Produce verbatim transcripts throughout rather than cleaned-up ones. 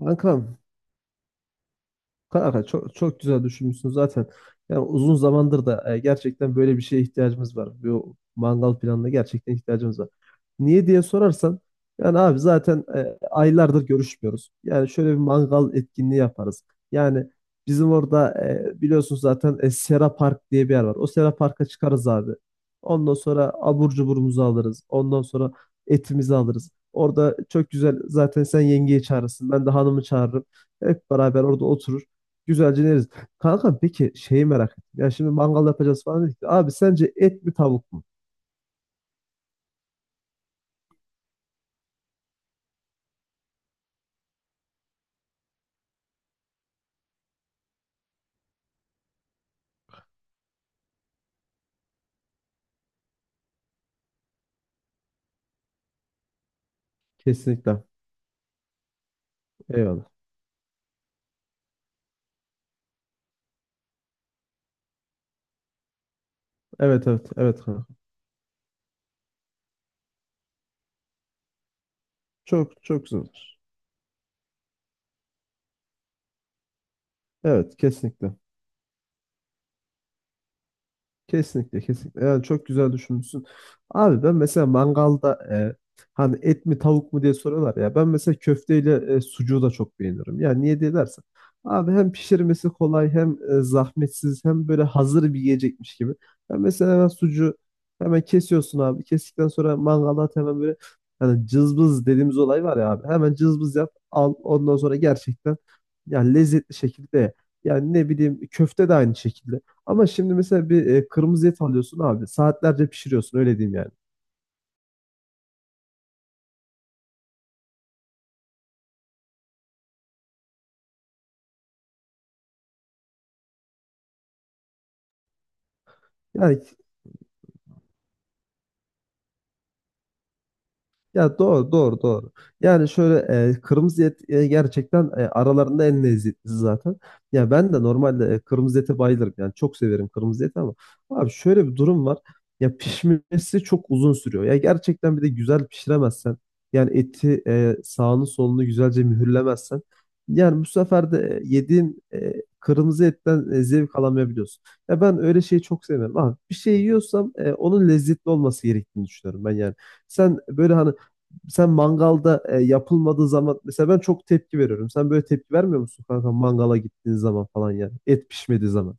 Kankam Kanka çok çok güzel düşünmüşsün zaten. Yani uzun zamandır da e, gerçekten böyle bir şeye ihtiyacımız var. Bu mangal planına gerçekten ihtiyacımız var. Niye diye sorarsan, yani abi zaten e, aylardır görüşmüyoruz. Yani şöyle bir mangal etkinliği yaparız. Yani bizim orada e, biliyorsunuz zaten e, Sera Park diye bir yer var. O Sera Park'a çıkarız abi. Ondan sonra abur cuburumuzu alırız. Ondan sonra etimizi alırız. Orada çok güzel, zaten sen yengeyi çağırırsın, ben de hanımı çağırırım. Hep beraber orada oturur, güzelce yeriz. Kanka peki şeyi merak ettim. Ya şimdi mangal yapacağız falan dedik. de, Abi, sence et mi tavuk mu? Kesinlikle. Eyvallah. Evet evet evet kanka. Çok çok güzel olur. Evet, kesinlikle. Kesinlikle kesinlikle. Yani çok güzel düşünmüşsün. Abi ben mesela mangalda, e, hani et mi tavuk mu diye soruyorlar ya. Ben mesela köfteyle e, sucuğu da çok beğenirim. Yani niye diye dersen, abi hem pişirmesi kolay, hem e, zahmetsiz, hem böyle hazır bir yiyecekmiş gibi. Ben mesela hemen sucuğu hemen kesiyorsun abi. Kestikten sonra mangala at, hemen böyle hani cızbız dediğimiz olay var ya abi. Hemen cızbız yap al, ondan sonra gerçekten yani lezzetli şekilde. Yani ne bileyim, köfte de aynı şekilde. Ama şimdi mesela bir e, kırmızı et alıyorsun abi. Saatlerce pişiriyorsun öyle diyeyim yani. Yani, ya doğru doğru doğru. Yani şöyle e, kırmızı et e, gerçekten e, aralarında en lezzetlisi zaten. Ya ben de normalde e, kırmızı ete bayılırım. Yani çok severim kırmızı eti ama abi şöyle bir durum var. Ya pişmesi çok uzun sürüyor. Ya gerçekten bir de güzel pişiremezsen, yani eti e, sağını solunu güzelce mühürlemezsen, yani bu sefer de e, yediğin e, kırmızı etten e, zevk alamayabiliyorsun. Ya ben öyle şeyi çok sevmem. Abi bir şey yiyorsam e, onun lezzetli olması gerektiğini düşünüyorum ben yani. Sen böyle hani sen mangalda e, yapılmadığı zaman mesela ben çok tepki veriyorum. Sen böyle tepki vermiyor musun kanka, mangala gittiğin zaman falan yani? Et pişmediği zaman.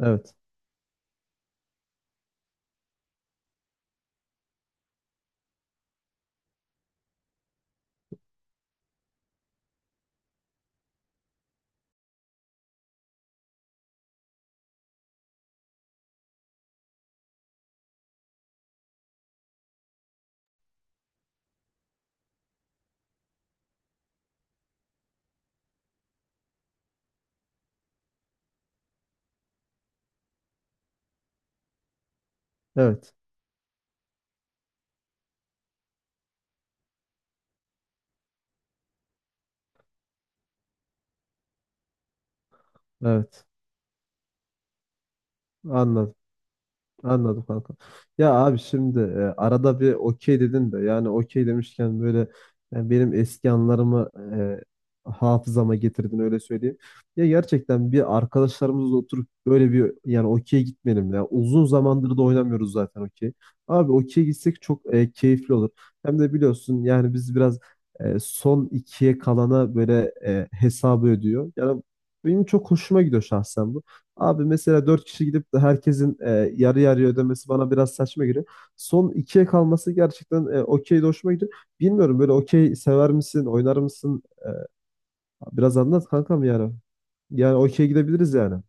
Evet. Evet. Evet. Anladım. Anladım kanka. Ya abi şimdi e, arada bir okey dedin de, yani okey demişken, böyle yani benim eski anılarımı e, hafızama getirdin, öyle söyleyeyim. Ya gerçekten bir arkadaşlarımızla oturup böyle bir, yani okey gitmeyelim ya. Uzun zamandır da oynamıyoruz zaten okey. Abi okey gitsek çok e, keyifli olur. Hem de biliyorsun yani biz biraz e, son ikiye kalana böyle e, hesabı ödüyor. Yani benim çok hoşuma gidiyor şahsen bu. Abi mesela dört kişi gidip de herkesin e, yarı yarıya ödemesi bana biraz saçma geliyor. Son ikiye kalması gerçekten e, okey de hoşuma gidiyor. Bilmiyorum, böyle okey sever misin, oynar mısın? E, biraz anlat kankam yani. Yani okey gidebiliriz yani.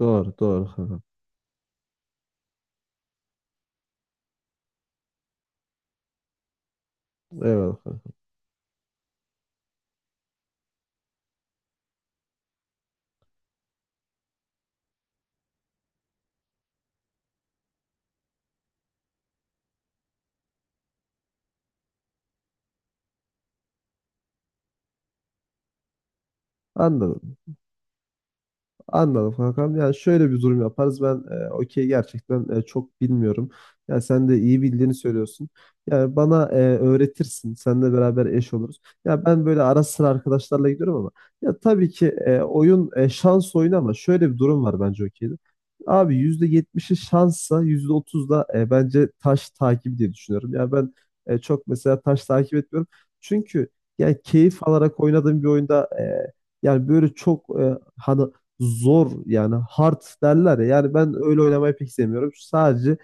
Doğru, doğru kankam. Eyvallah kankam. Anladım. Anladım kankam. Yani şöyle bir durum yaparız. Ben e, okey gerçekten e, çok bilmiyorum. Yani sen de iyi bildiğini söylüyorsun. Yani bana e, öğretirsin. Seninle beraber eş oluruz. Ya ben böyle ara sıra arkadaşlarla gidiyorum ama, ya tabii ki e, oyun e, şans oyunu ama şöyle bir durum var bence okeyde. Abi yüzde yetmişi şanssa, yüzde otuz da e, bence taş takibi diye düşünüyorum. Ya ben e, çok mesela taş takip etmiyorum. Çünkü yani keyif alarak oynadığım bir oyunda e, yani böyle çok e, hani zor, yani hard derler ya. Yani ben öyle oynamayı pek sevmiyorum. Sadece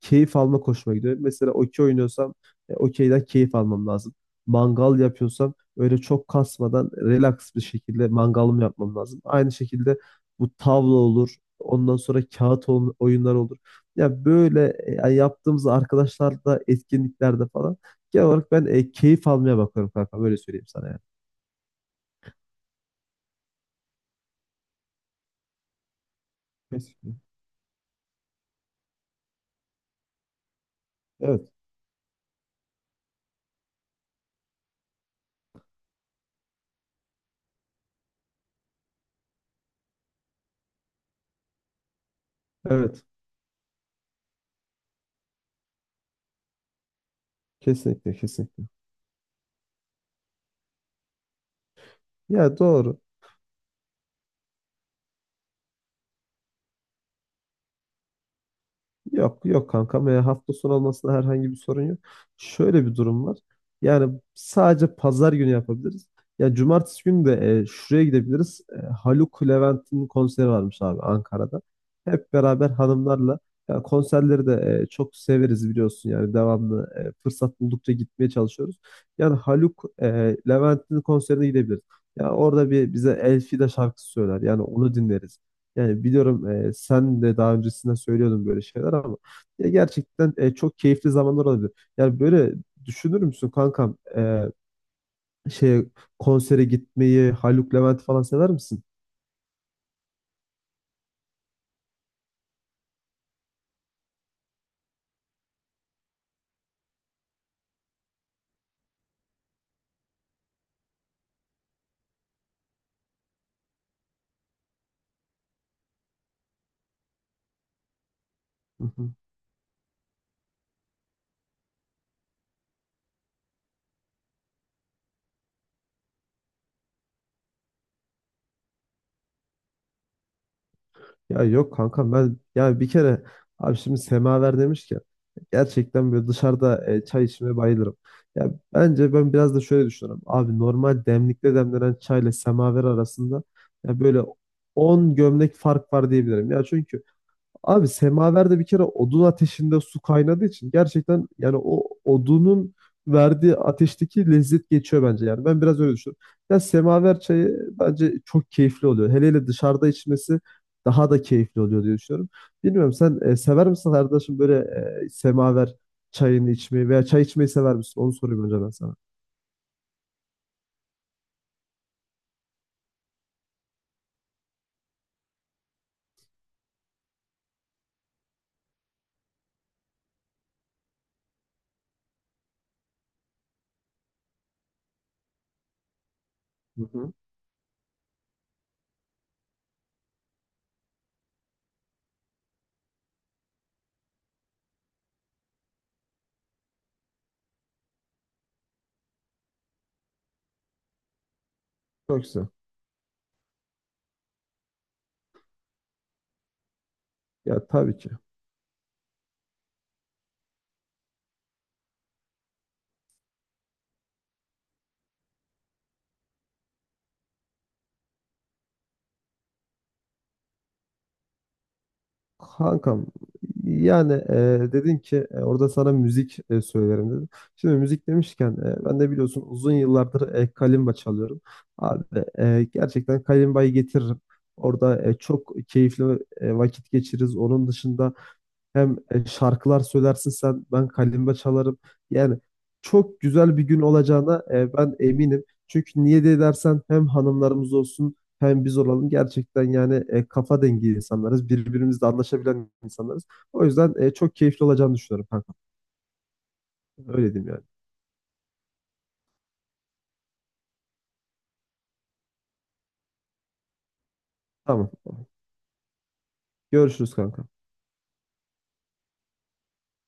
keyif alma hoşuma gidiyor. Mesela okey oynuyorsam e, okeyden keyif almam lazım. Mangal yapıyorsam öyle çok kasmadan, relax bir şekilde mangalımı yapmam lazım. Aynı şekilde bu tavla olur. Ondan sonra kağıt oyun- oyunlar olur. Ya böyle e, yani yaptığımız arkadaşlarla etkinliklerde falan, genel olarak ben e, keyif almaya bakıyorum kanka. Böyle söyleyeyim sana yani. Kesinlikle. Evet, evet. Kesinlikle, kesinlikle. Ya doğru. Yok yok kankam. E, hafta sonu olmasına herhangi bir sorun yok. Şöyle bir durum var. Yani sadece pazar günü yapabiliriz. Ya cumartesi günü de e, şuraya gidebiliriz. E, Haluk Levent'in konseri varmış abi, Ankara'da. Hep beraber hanımlarla, ya konserleri de e, çok severiz biliyorsun, yani devamlı e, fırsat buldukça gitmeye çalışıyoruz. Yani Haluk e, Levent'in konserine gidebiliriz. Ya orada bir bize Elfida şarkısı söyler. Yani onu dinleriz. Yani biliyorum e, sen de daha öncesinde söylüyordun böyle şeyler ama, ya gerçekten e, çok keyifli zamanlar olabilir. Yani böyle düşünür müsün kankam e, şey, konsere gitmeyi, Haluk Levent falan sever misin? Hı hı. Ya yok kankam, ben yani bir kere, abi şimdi semaver demiş ki, gerçekten böyle dışarıda e, çay içmeye bayılırım. Ya bence ben biraz da şöyle düşünüyorum. Abi normal demlikte demlenen çayla semaver arasında, ya böyle on gömlek fark var diyebilirim. Ya çünkü abi semaverde bir kere odun ateşinde su kaynadığı için, gerçekten yani o odunun verdiği ateşteki lezzet geçiyor bence yani. Ben biraz öyle düşünüyorum. Ya semaver çayı bence çok keyifli oluyor. Hele hele dışarıda içmesi daha da keyifli oluyor diye düşünüyorum. Bilmiyorum, sen e, sever misin kardeşim böyle e, semaver çayını içmeyi, veya çay içmeyi sever misin? Onu sorayım önce ben sana. Hı hı. Çok güzel. Ya tabii ki. Kankam yani e, dedin ki e, orada sana müzik e, söylerim dedim. Şimdi müzik demişken e, ben de biliyorsun uzun yıllardır e, kalimba çalıyorum. Abi e, gerçekten kalimbayı getiririm. Orada e, çok keyifli e, vakit geçiririz. Onun dışında hem e, şarkılar söylersin sen, ben kalimba çalarım. Yani çok güzel bir gün olacağına e, ben eminim. Çünkü niye de dersen, hem hanımlarımız olsun, hem biz olalım. Gerçekten yani e, kafa dengi insanlarız. Birbirimizle anlaşabilen insanlarız. O yüzden e, çok keyifli olacağını düşünüyorum kanka. Öyle diyeyim yani. Tamam. Görüşürüz kanka.